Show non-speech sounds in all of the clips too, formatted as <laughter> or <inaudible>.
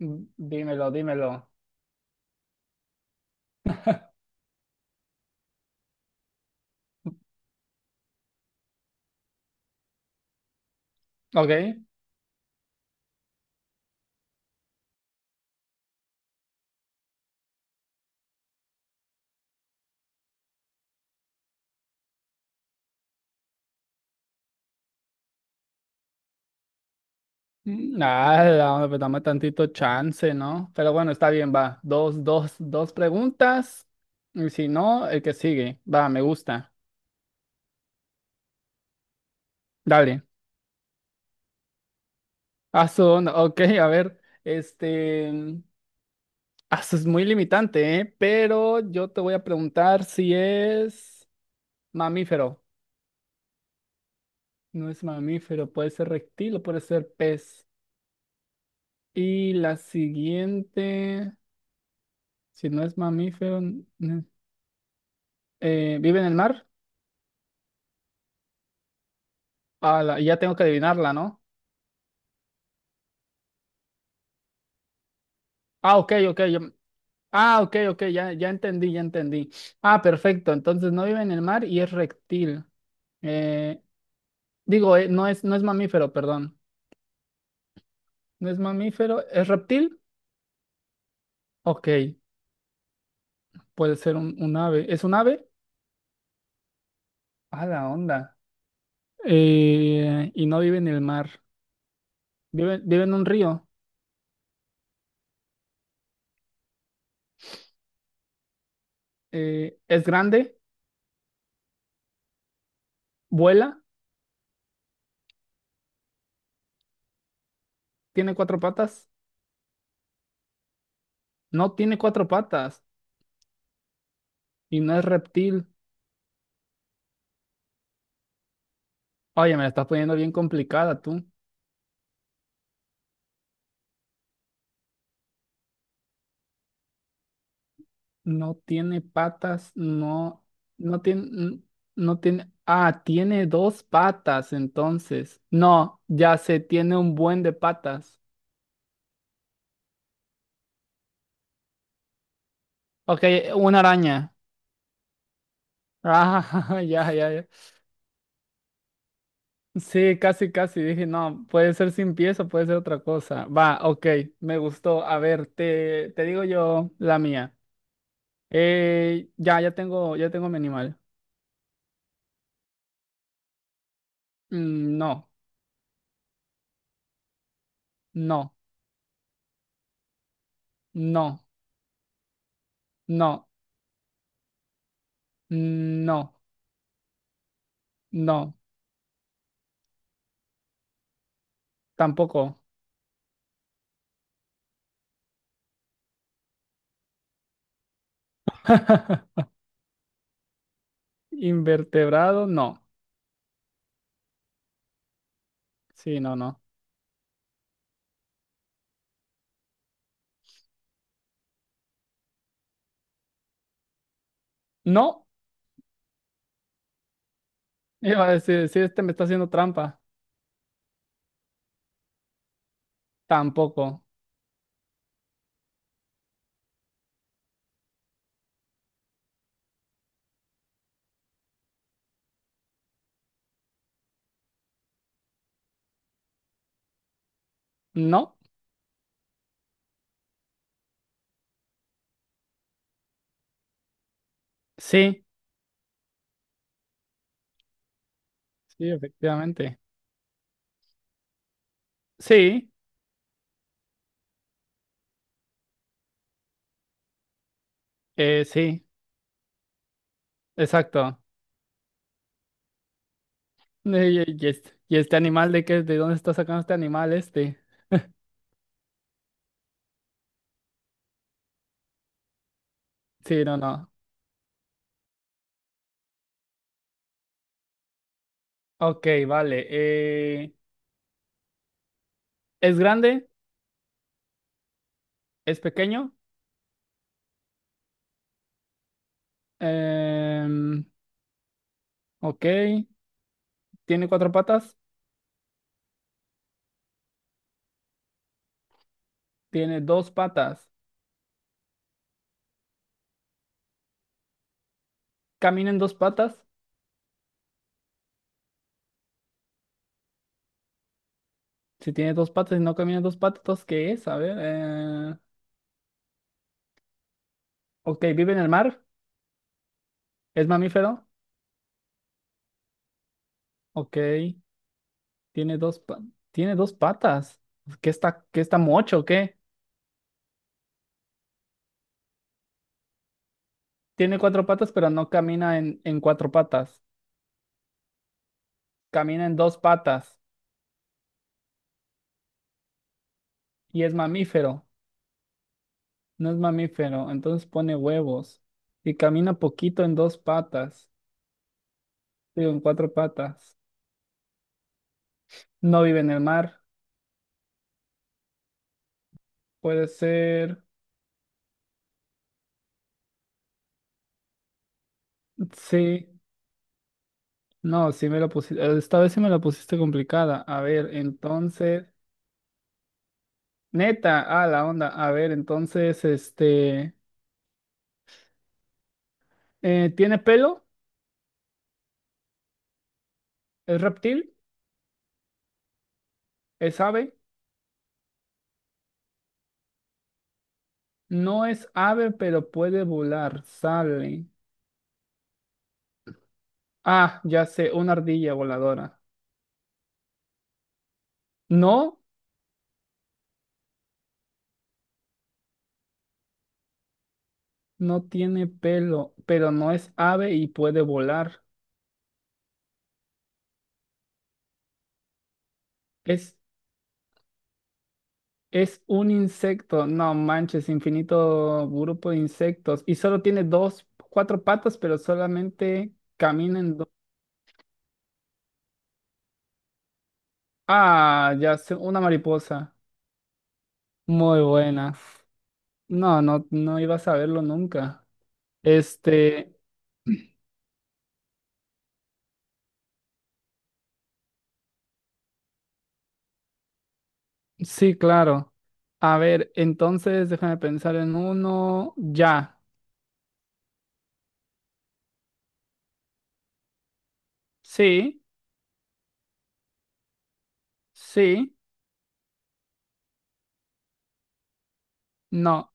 Dímelo, dímelo. <laughs> Ok. Nada, hombre, pues dame tantito chance, ¿no? Pero bueno, está bien, va. Dos preguntas. Y si no, el que sigue. Va, me gusta. Dale. Ah, su Ok, a ver. Es muy limitante, ¿eh? Pero yo te voy a preguntar si es mamífero. No es mamífero, puede ser reptil o puede ser pez. Y la siguiente. Si no es mamífero. ¿Vive en el mar? Ah, la- ya tengo que adivinarla, ¿no? Ah, ok, ok. ya- ok, ok, ya entendí. Ah, perfecto. Entonces no vive en el mar y es reptil. Eh, no no es mamífero, perdón. No es mamífero, ¿es reptil? Ok, puede ser un ave. ¿Es un ave? Ah, la onda. Y no vive en el mar. Vive en un río. ¿Es grande? ¿Vuela? ¿Tiene cuatro patas? No tiene cuatro patas y no es reptil. Oye, me la estás poniendo bien complicada, tú. No tiene patas, no, no tiene, no tiene, ah, tiene dos patas, entonces. No, ya sé, tiene un buen de patas. Ok, una araña. Ah, <laughs> ya, ya, ya. Sí, casi, casi. Dije, no, puede ser sin pies o puede ser otra cosa. Va, ok, me gustó. A ver, te digo yo la mía. Ya tengo mi animal. No, no, no. No. No, no, tampoco. <laughs> Invertebrado, no. Sí, no, no. No, iba a decir, sí, este me está haciendo trampa. Tampoco. No, sí, sí, efectivamente. Sí, sí, exacto. Y este, y este animal de qué, de dónde está sacando este animal este? Sí, no, no. Ok, vale. ¿Es grande? ¿Es pequeño? Em, ok, ¿tiene cuatro patas? Tiene dos patas. Camina en dos patas. Si tiene dos patas y no camina en dos patas, ¿qué es? A ver. Ok, vive en el mar. ¿Es mamífero? Ok. Tiene dos, pa- Tiene dos patas. ¿Qué está mocho? O ¿qué? Tiene cuatro patas, pero no camina en cuatro patas. Camina en dos patas. Y es mamífero. No es mamífero. Entonces pone huevos. Y camina poquito en dos patas. Digo, en cuatro patas. No vive en el mar. Puede ser. Sí. No, sí me la pusiste, esta vez sí me la pusiste complicada. A ver, entonces, neta, ah, la onda. A ver, entonces, ¿tiene pelo? ¿Es reptil? ¿Es ave? No es ave, pero puede volar, sale. Ah, ya sé, una ardilla voladora. No, no tiene pelo, pero no es ave y puede volar. Es Es un insecto, no manches, infinito grupo de insectos. Y solo tiene dos, cuatro patas, pero solamente camina en dos. Ah, ya sé, una mariposa. Muy buena. No, no, no iba a saberlo nunca. Este, sí, claro. A ver, entonces déjame pensar en uno. Ya. Sí, sí, no,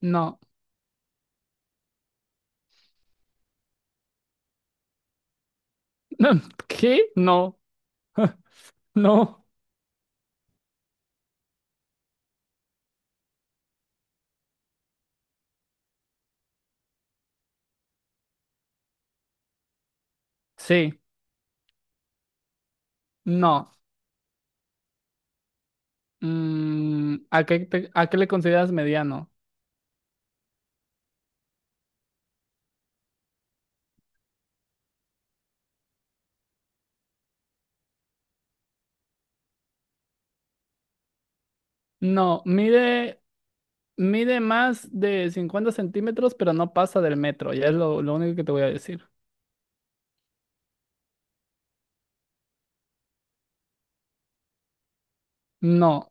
no. <laughs> ¿Qué? No, <laughs> no, sí, no. ¿A qué le consideras mediano? No, mide más de 50 centímetros, pero no pasa del metro. Ya es lo único que te voy a decir. No,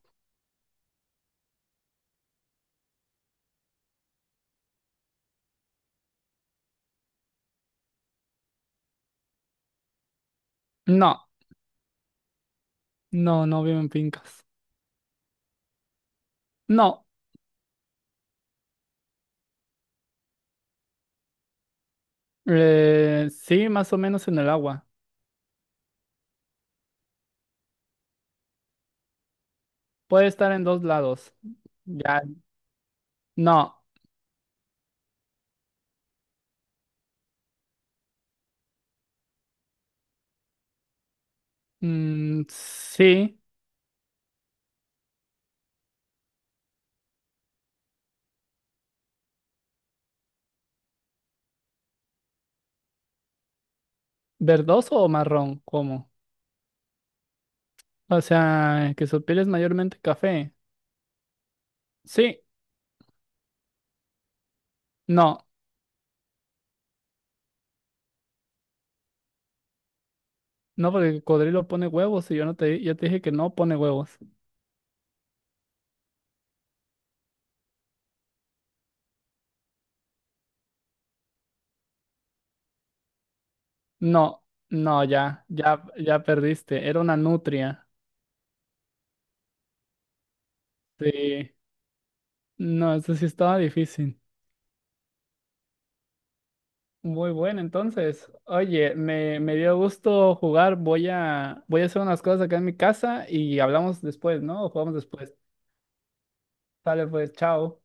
no, no vive en fincas. No, sí, más o menos en el agua. Puede estar en dos lados. Ya, no, sí, verdoso o marrón, ¿cómo? O sea, que su piel es mayormente café. Sí, no. No, porque el cocodrilo pone huevos y yo no te, di, yo te dije que no pone huevos. No, no, ya perdiste. Era una nutria. Sí. No, eso sí estaba difícil. Muy bueno, entonces. Oye, me dio gusto jugar. Voy a hacer unas cosas acá en mi casa y hablamos después, ¿no? O jugamos después. Sale pues, chao.